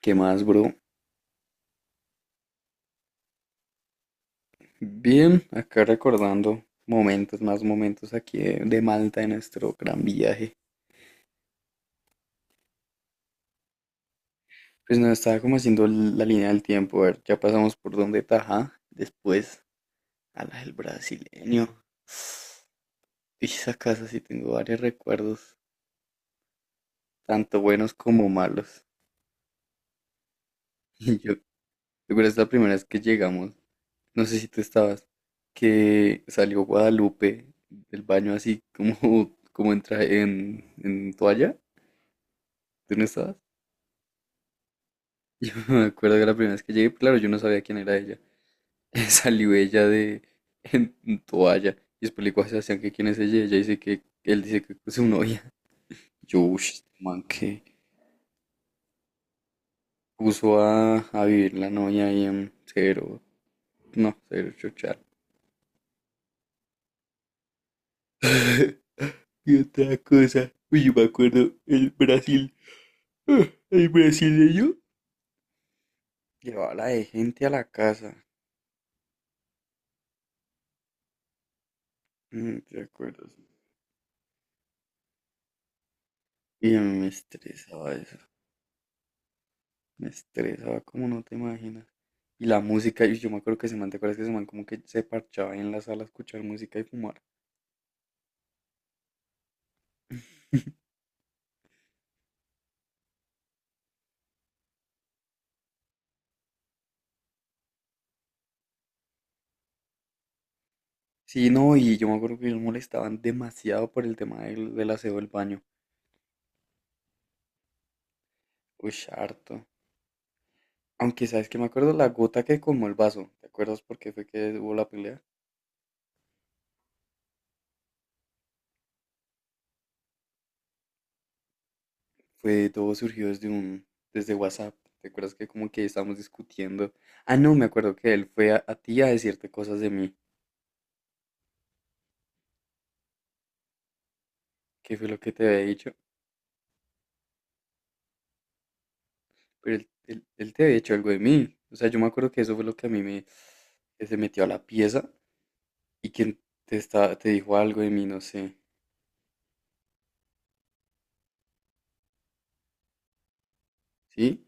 ¿Qué más, bro? Bien, acá recordando momentos, más momentos aquí de Malta, de nuestro gran viaje. Pues nos estaba como haciendo la línea del tiempo, a ver, ya pasamos por donde Tajá, después a la del brasileño. Y esa casa sí tengo varios recuerdos, tanto buenos como malos. Y yo creo que es la primera vez que llegamos, no sé si tú estabas, que salió Guadalupe del baño así como, como en toalla, ¿tú no estabas? Yo me acuerdo que la primera vez que llegué, pues, claro, yo no sabía quién era ella. Salió ella de en toalla y después le digo a Sebastián que quién es ella. Ella dice que él dice que es su novia. Yo, "Ush, este man, que puso a vivir la novia ahí en cero, no, cero chochar". Y otra cosa, uy, yo me acuerdo, ah, el brasileño llevaba la de gente a la casa. Mm, ¿te acuerdas? Y a mí me estresaba eso. Me estresaba como no te imaginas. Y la música, y yo me acuerdo que ese man, ¿te acuerdas que ese man como que se parchaba ahí en la sala a escuchar música y fumar? Sí, no, y yo me acuerdo que ellos molestaban demasiado por el tema del aseo del baño. Uy, harto. Aunque sabes que me acuerdo la gota que colmó el vaso. ¿Te acuerdas por qué fue que hubo la pelea? Fue, todo surgió desde WhatsApp. ¿Te acuerdas que como que estábamos discutiendo? Ah, no, me acuerdo que él fue a ti a decirte cosas de mí. ¿Qué fue lo que te había dicho? Pero él te había hecho algo de mí. O sea, yo me acuerdo que eso fue lo que a mí me... que se metió a la pieza y quien te, está, te dijo algo de mí, no sé. ¿Sí?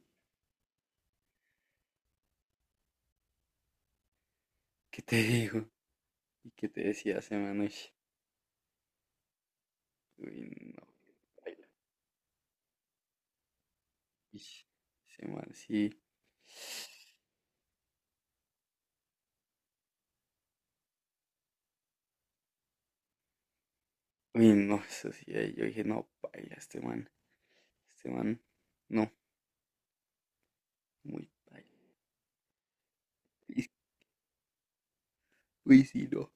¿Qué te dijo? ¿Y qué te decía ese man? Ush, uy, no. Baila. Ish, ese man, sí. Uy, no, eso sí. Ahí yo dije, no, baila este man. Este man, no, muy paila. Y... uy, sí, no.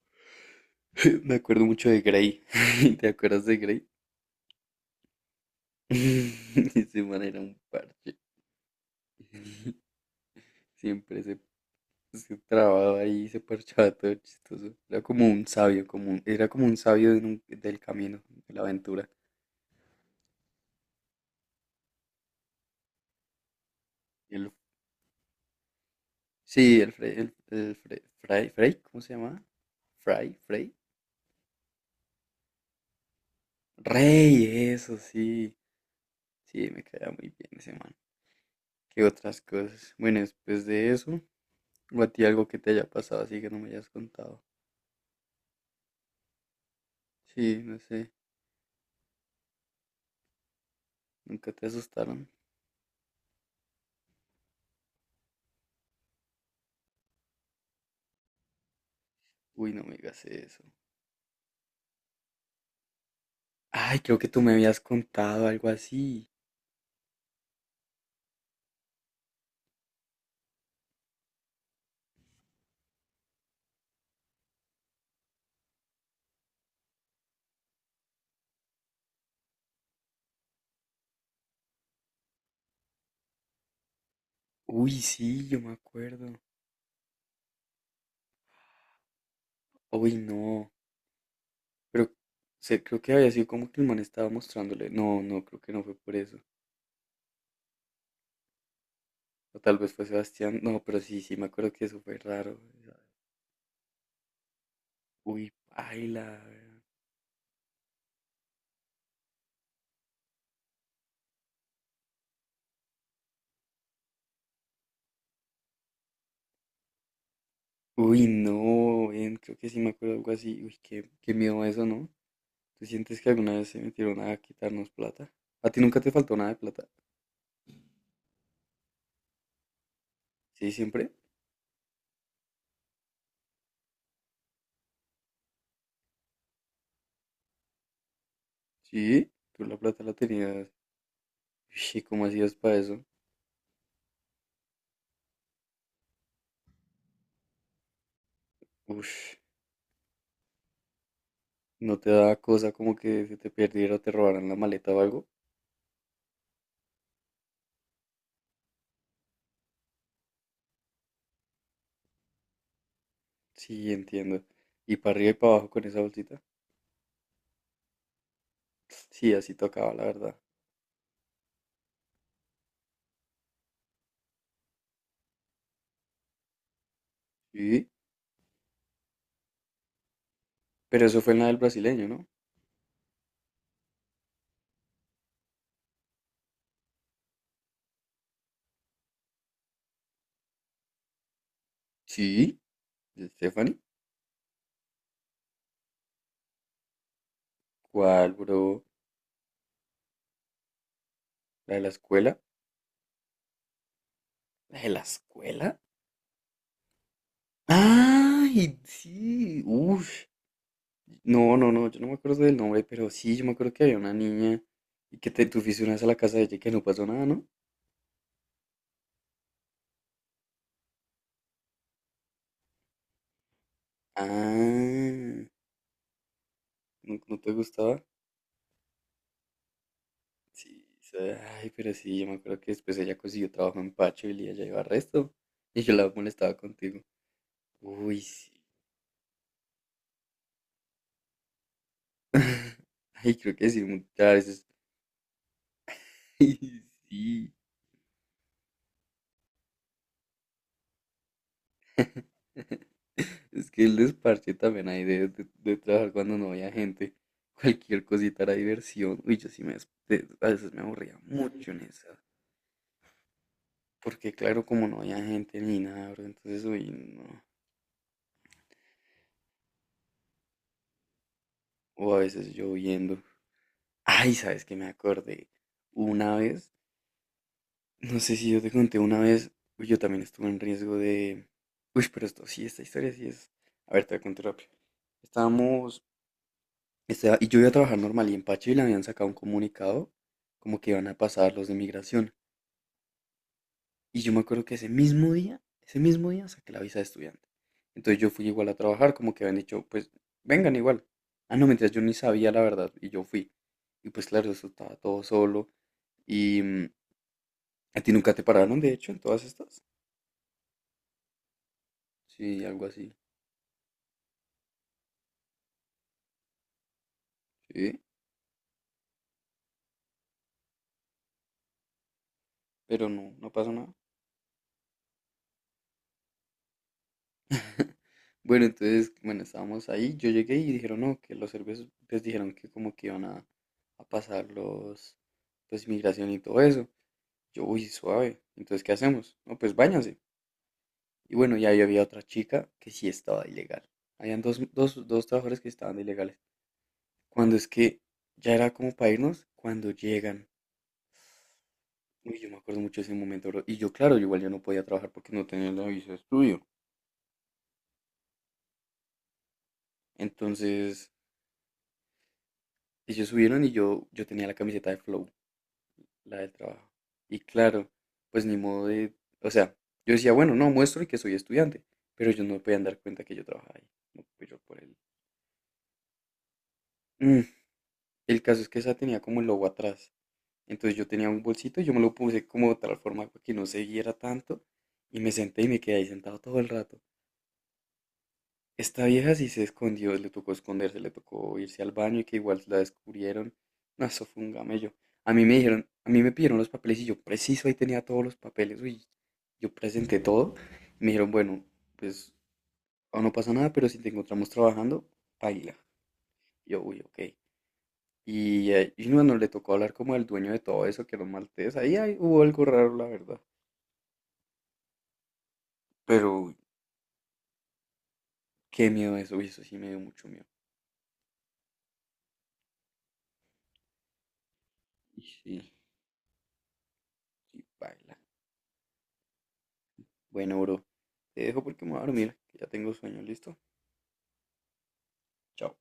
Me acuerdo mucho de Grey. ¿Te acuerdas de Grey? Ese man era un parche. Siempre se trababa ahí, se parchaba todo chistoso. Era como un sabio, como era como un sabio de del camino, de la aventura. El- sí, el Frey, ¿cómo se llamaba? Fray, Frey. Rey, eso sí. Sí, me caía muy bien ese man. ¿Qué otras cosas? Bueno, después de eso, o a ti algo que te haya pasado así que no me hayas contado. Sí, no sé, nunca te asustaron. Uy, no me digas eso. Ay, creo que tú me habías contado algo así. Uy, sí, yo me acuerdo. Uy, no. Pero se creo que había sido como que el man estaba mostrándole. No, no, creo que no fue por eso. O tal vez fue Sebastián. No, pero sí, sí, me acuerdo que eso fue raro. Uy, paila. Uy, no, ven, creo que sí me acuerdo algo así. Uy, qué miedo eso, ¿no? ¿Tú sientes que alguna vez se metieron a quitarnos plata? ¿A ti nunca te faltó nada de plata? ¿Sí, siempre? ¿Sí? ¿Tú la plata la tenías? Uy, ¿cómo hacías para eso? Uy, no te da cosa como que se te perdiera o te robaran la maleta o algo. Sí, entiendo. Y para arriba y para abajo con esa bolsita. Sí, así tocaba, la verdad. Sí, pero eso fue en la del brasileño, ¿no? Sí, de Stephanie. ¿Cuál, bro? ¿La de la escuela? ¿La de la escuela? ¡Ay, sí! ¡Uf! No, no, no, yo no me acuerdo del nombre, pero sí, yo me acuerdo que había una niña y que te tú fuiste una vez a la casa de ella y que no pasó nada, ¿no? Ah, ¿no, no te gustaba? Sí, o ay, pero sí, yo me acuerdo que después ella consiguió trabajo en Pacho y ella iba a resto. Y yo la molestaba contigo. Uy, sí. Ay, creo que sí, muchas veces. Ay, sí. Es que el desparche también hay de trabajar cuando no había gente. Cualquier cosita era diversión. Uy, yo sí me, a veces me aburría mucho en esa. Porque claro, como no había gente ni nada, bro, entonces, uy, no. O a veces lloviendo. Ay, ¿sabes qué me acordé? Una vez... no sé si yo te conté una vez, uy, yo también estuve en riesgo de... Uy, pero esto sí, esta historia sí es... A ver, te voy a contar rápido. Estábamos... y yo iba a trabajar normal y en Pacho y le habían sacado un comunicado como que iban a pasar los de migración. Y yo me acuerdo que ese mismo día saqué la visa de estudiante. Entonces yo fui igual a trabajar, como que habían dicho, pues vengan igual. Ah, no, mientras yo ni sabía la verdad y yo fui. Y pues claro, eso estaba todo solo. Y mm, a ti nunca te pararon, de hecho, en todas estas. Sí, algo así. ¿Sí? Pero no, no pasó nada. Bueno, entonces, bueno, estábamos ahí, yo llegué y dijeron, no, que los serbios pues dijeron que como que iban a pasar pues inmigración y todo eso. Yo, uy, suave, entonces, ¿qué hacemos? No, pues váyanse. Y bueno, ya ahí había otra chica que sí estaba de ilegal. Habían dos trabajadores que estaban de ilegales. Cuando es que ya era como para irnos, cuando llegan, uy, yo me acuerdo mucho de ese momento, bro. Y yo, claro, yo igual ya no podía trabajar porque no tenía la visa de estudio. Entonces, ellos subieron y yo tenía la camiseta de Flow, la del trabajo. Y claro, pues ni modo de, o sea, yo decía, bueno, no, muestro y que soy estudiante, pero ellos no me podían dar cuenta que yo trabajaba ahí. No fui yo por él. Mm, el caso es que esa tenía como el logo atrás. Entonces yo tenía un bolsito y yo me lo puse como de tal forma que no se viera tanto y me senté y me quedé ahí sentado todo el rato. Esta vieja sí se escondió, le tocó esconderse, le tocó irse al baño y que igual la descubrieron. No, eso fue un gamello. A mí me dijeron, a mí me pidieron los papeles y yo preciso ahí tenía todos los papeles. Uy, yo presenté todo. Y me dijeron, bueno, pues aún no pasa nada, pero si te encontramos trabajando, baila. Yo, uy, ok. Y bueno, le tocó hablar como al dueño de todo eso, que era un maltés. Ahí, ahí hubo algo raro, la verdad. Pero uy, qué miedo eso, uy, eso sí me dio mucho miedo. Y sí, y baila. Bueno, bro, te dejo porque me voy a dormir, que ya tengo sueño, ¿listo? Chao.